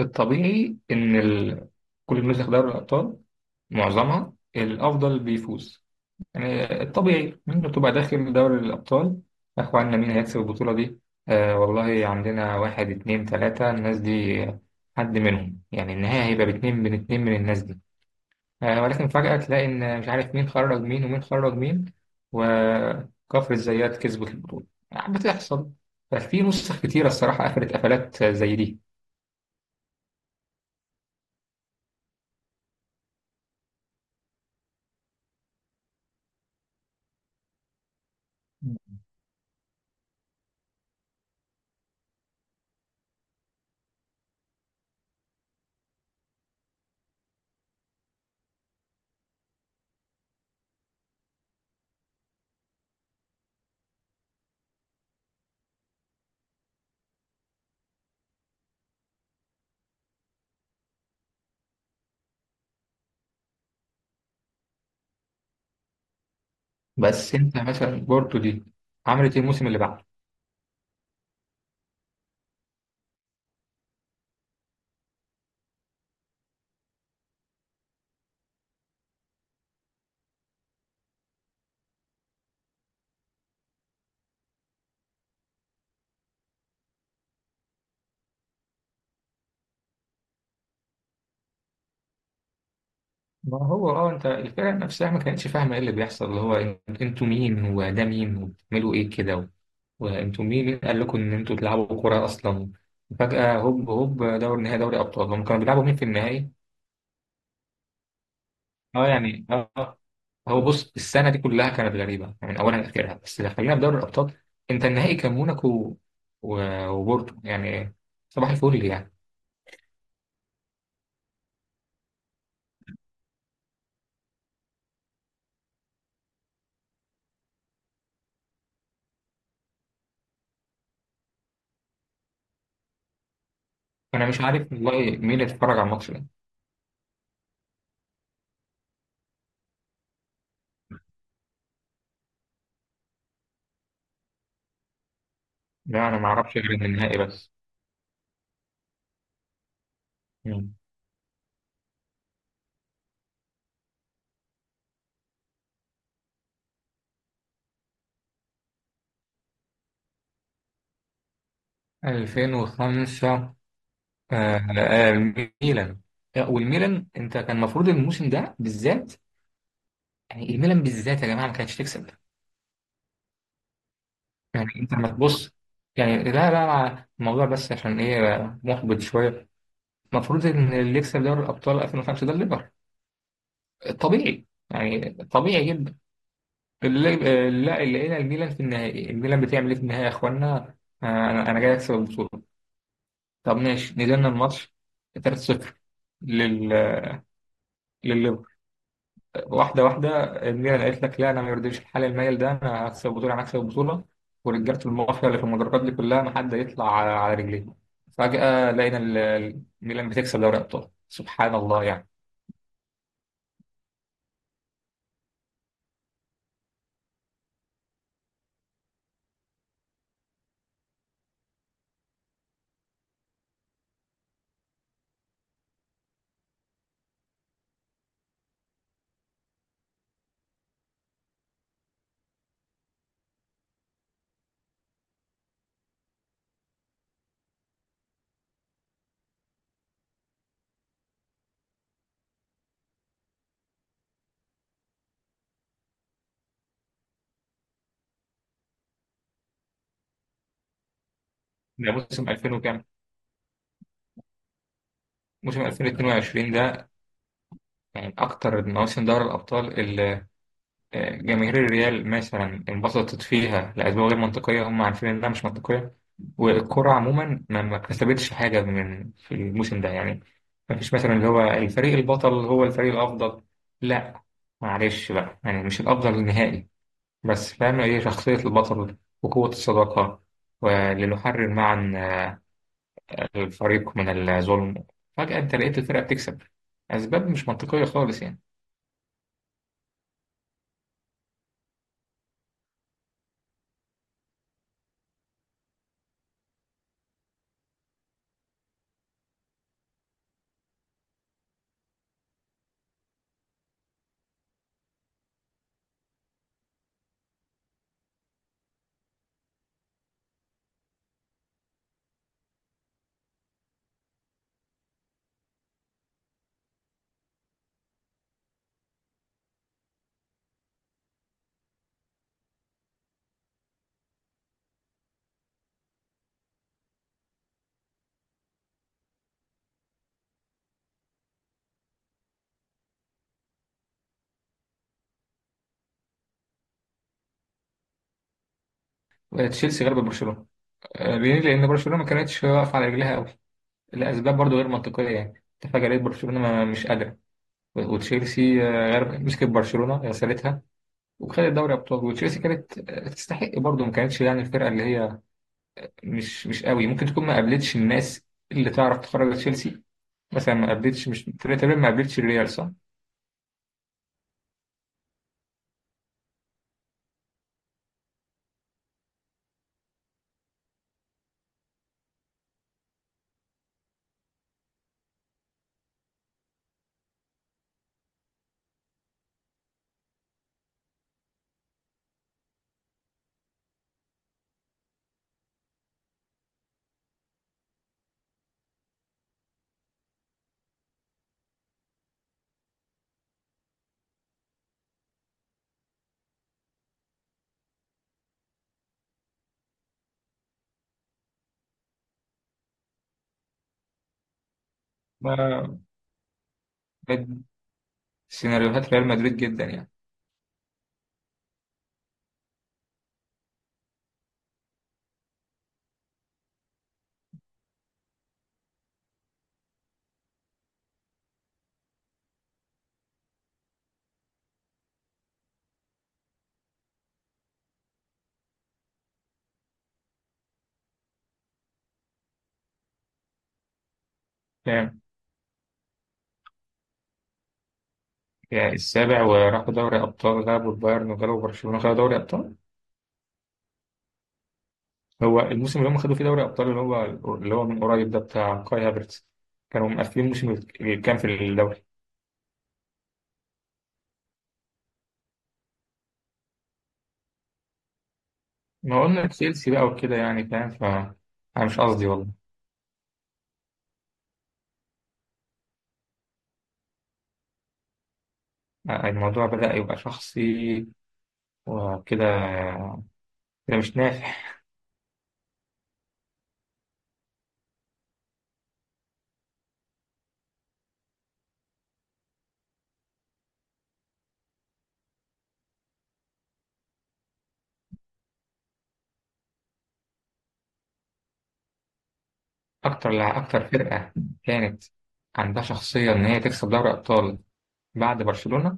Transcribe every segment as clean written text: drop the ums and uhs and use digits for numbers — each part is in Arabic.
الطبيعي إن كل النسخ دوري الأبطال، معظمها الأفضل بيفوز. يعني الطبيعي أنت بتبقى داخل دوري الأبطال. يا إخوانا، مين هيكسب البطولة دي؟ آه والله، عندنا واحد اتنين تلاتة الناس دي، حد منهم يعني النهاية هيبقى باتنين من اتنين من الناس دي. آه، ولكن فجأة تلاقي إن مش عارف مين خرج مين ومين خرج مين، وكفر الزيات كسبت البطولة. يعني بتحصل. ففي نسخ كتيرة الصراحة قفلت قفلات زي دي. بس انت مثلا بورتو دي عملت ايه الموسم اللي بعده؟ ما هو انت الفرق نفسها ما كانتش فاهمه ايه اللي بيحصل، اللي هو انتوا مين وده مين وبتعملوا ايه كده وانتوا مين، قال لكم ان انتوا تلعبوا كوره اصلا؟ فجاه هوب هوب دوري نهائي دوري ابطال، هم كانوا بيلعبوا مين في النهائي؟ اه يعني هو بص، السنه دي كلها كانت غريبه يعني من اولها لاخرها، بس لو خلينا في دوري الابطال، انت النهائي كان موناكو وبورتو يعني. صباح الفل يعني. انا مش عارف والله مين اللي اتفرج على الماتش ده. لا أنا ما أعرفش غير النهائي بس. مم. 2005. آه آه الميلان. آه، والميلان أنت كان المفروض الموسم ده بالذات، يعني الميلان بالذات يا جماعة ما كانتش تكسب. يعني أنت ما تبص، يعني لا لا الموضوع بس عشان إيه محبط شوية. المفروض إن اللي يكسب دوري الأبطال 2005 ده الليفر، طبيعي يعني طبيعي جدا اللي، آه، لا اللي لقينا الميلان في النهائي، الميلان بتعمل إيه في النهائي يا إخوانا؟ آه أنا جاي أكسب البطولة. طب ماشي، نزلنا الماتش 3-0 لل... لل واحدة واحدة. الميلان قالت لك لا، أنا ما يرضيش الحال المايل ده، أنا هكسب البطولة أنا هكسب البطولة. ورجالة المافيا اللي في المدرجات دي كلها ما حد يطلع على رجليه. فجأة لقينا الميلان بتكسب دوري أبطال، سبحان الله يعني. ده موسم 2000 وكام؟ موسم 2022 ده، يعني من أكتر مواسم دوري الأبطال. جماهير الريال مثلا انبسطت فيها لأسباب غير منطقية، هم عارفين إنها مش منطقية. والكرة عموما ما كسبتش حاجة من في الموسم ده يعني. ما فيش مثلا اللي هو الفريق البطل هو الفريق الأفضل. لا، معلش بقى يعني مش الأفضل نهائي. بس فاهم هي شخصية البطل وقوة الصداقة، ولنحرر معا الفريق من الظلم. فجأة أنت لقيت الفرقة بتكسب، أسباب مش منطقية خالص يعني. تشيلسي غلب برشلونة. آه، بيليه لأن برشلونة ما كانتش واقفة على رجلها قوي لأسباب برضو غير منطقية. يعني اتفاق لقيت برشلونة مش قادرة. وتشيلسي، آه، غير مسكت برشلونة غسلتها، وخدت دوري أبطال. وتشيلسي كانت، آه، تستحق برضو، ما كانتش يعني الفرقة اللي هي مش قوي، ممكن تكون ما قابلتش الناس اللي تعرف تخرج تشيلسي. مثلا ما قابلتش، مش تقريبا، ما قابلتش الريال، صح؟ ما بد- سيناريوهات ريال مدريد جدا يعني. كام؟ يعني السابع، وراحوا دوري أبطال غلبوا البايرن وغلبوا برشلونة خدوا دوري أبطال. هو الموسم اللي هم خدوا فيه دوري ابطال، اللي هو اللي هو من قريب ده بتاع كاي هافرتز، كانوا مقفلين الموسم اللي كان في الدوري. ما قلنا تشيلسي بقى وكده يعني فاهم ف. انا مش قصدي والله. الموضوع بدأ يبقى شخصي وكده، كده مش نافع. اكتر فرقة كانت عندها شخصية ان هي تكسب دوري ابطال بعد برشلونة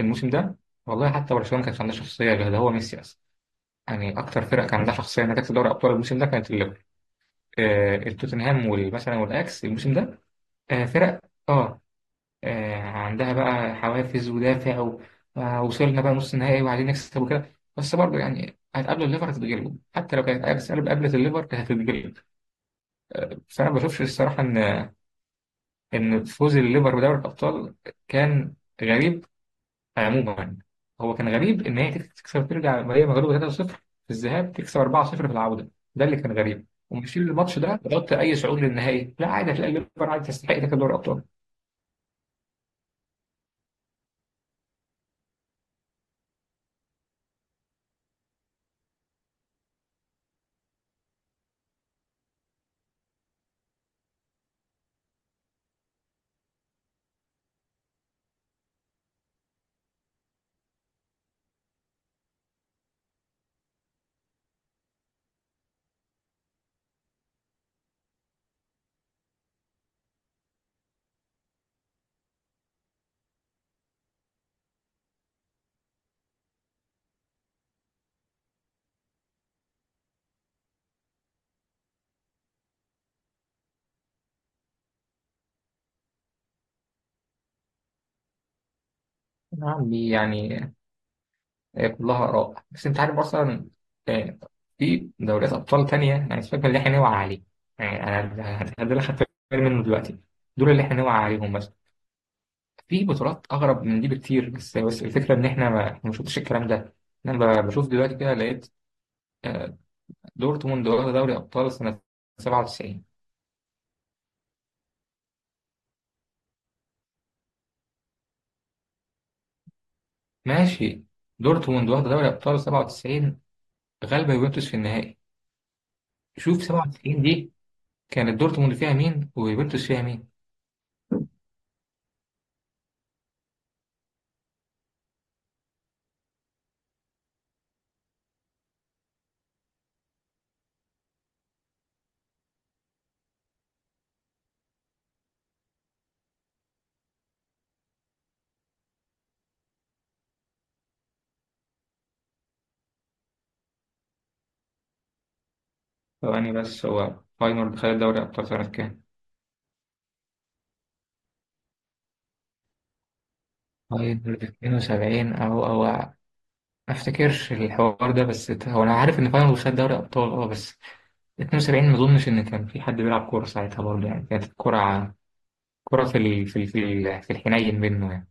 الموسم ده. والله حتى برشلونة ما كانش عندها شخصية غير ده، هو ميسي اصلا يعني. اكتر فرقة كان عندها شخصية انها تكسب دوري ابطال الموسم ده كانت، آه، التوتنهام مثلا والاكس الموسم ده. آه، فرق، اه، آه، عندها بقى حوافز ودافع آه، وصلنا بقى نص نهائي وعايزين نكسب وكده، بس برضه يعني هتقابلوا الليفر هتتغلبوا. حتى لو كانت اياكس قابلت الليفر كانت هتتغلب. بس انا ما بشوفش الصراحه ان فوز الليفر بدوري الابطال كان غريب. عموما، هو كان غريب ان هي تكسب ترجع وهي مغلوبه 3-0 في الذهاب، تكسب 4-0 في العوده. ده اللي كان غريب، ومشيل الماتش ده بغض اي صعود للنهائي، لا عادي هتلاقي الليفر عادي تستحق تاخد دوري الابطال. يا عمي يعني، آه، كلها اراء. بس انت عارف اصلا، آه، في دوريات ابطال تانيه يعني سيبك من اللي احنا نوعى عليه. يعني انا ده اللي خدت بالي منه دلوقتي، دول اللي احنا نوعى عليهم مثلا. في بطولات اغرب من دي بكتير، بس الفكره ان احنا ما شفتش الكلام ده. انا بشوف دلوقتي كده لقيت، آه، دورتموند واخدة دوري أبطال سنة 97. ماشي، دورتموند واخدة دوري أبطال 97 غالبة يوفنتوس في النهائي. شوف 97 دي، كانت دورتموند فيها مين ويوفنتوس فيها مين؟ ثواني بس، هو فاينورد خد دوري أبطال سنة كام؟ فاينورد 72 أو ما أفتكرش الحوار ده، بس هو أنا عارف إن فاينورد خد دوري أبطال أه، بس 72 ما أظنش إن كان في حد بيلعب كورة ساعتها برضه. يعني كانت الكرة كرة في الحنين منه يعني.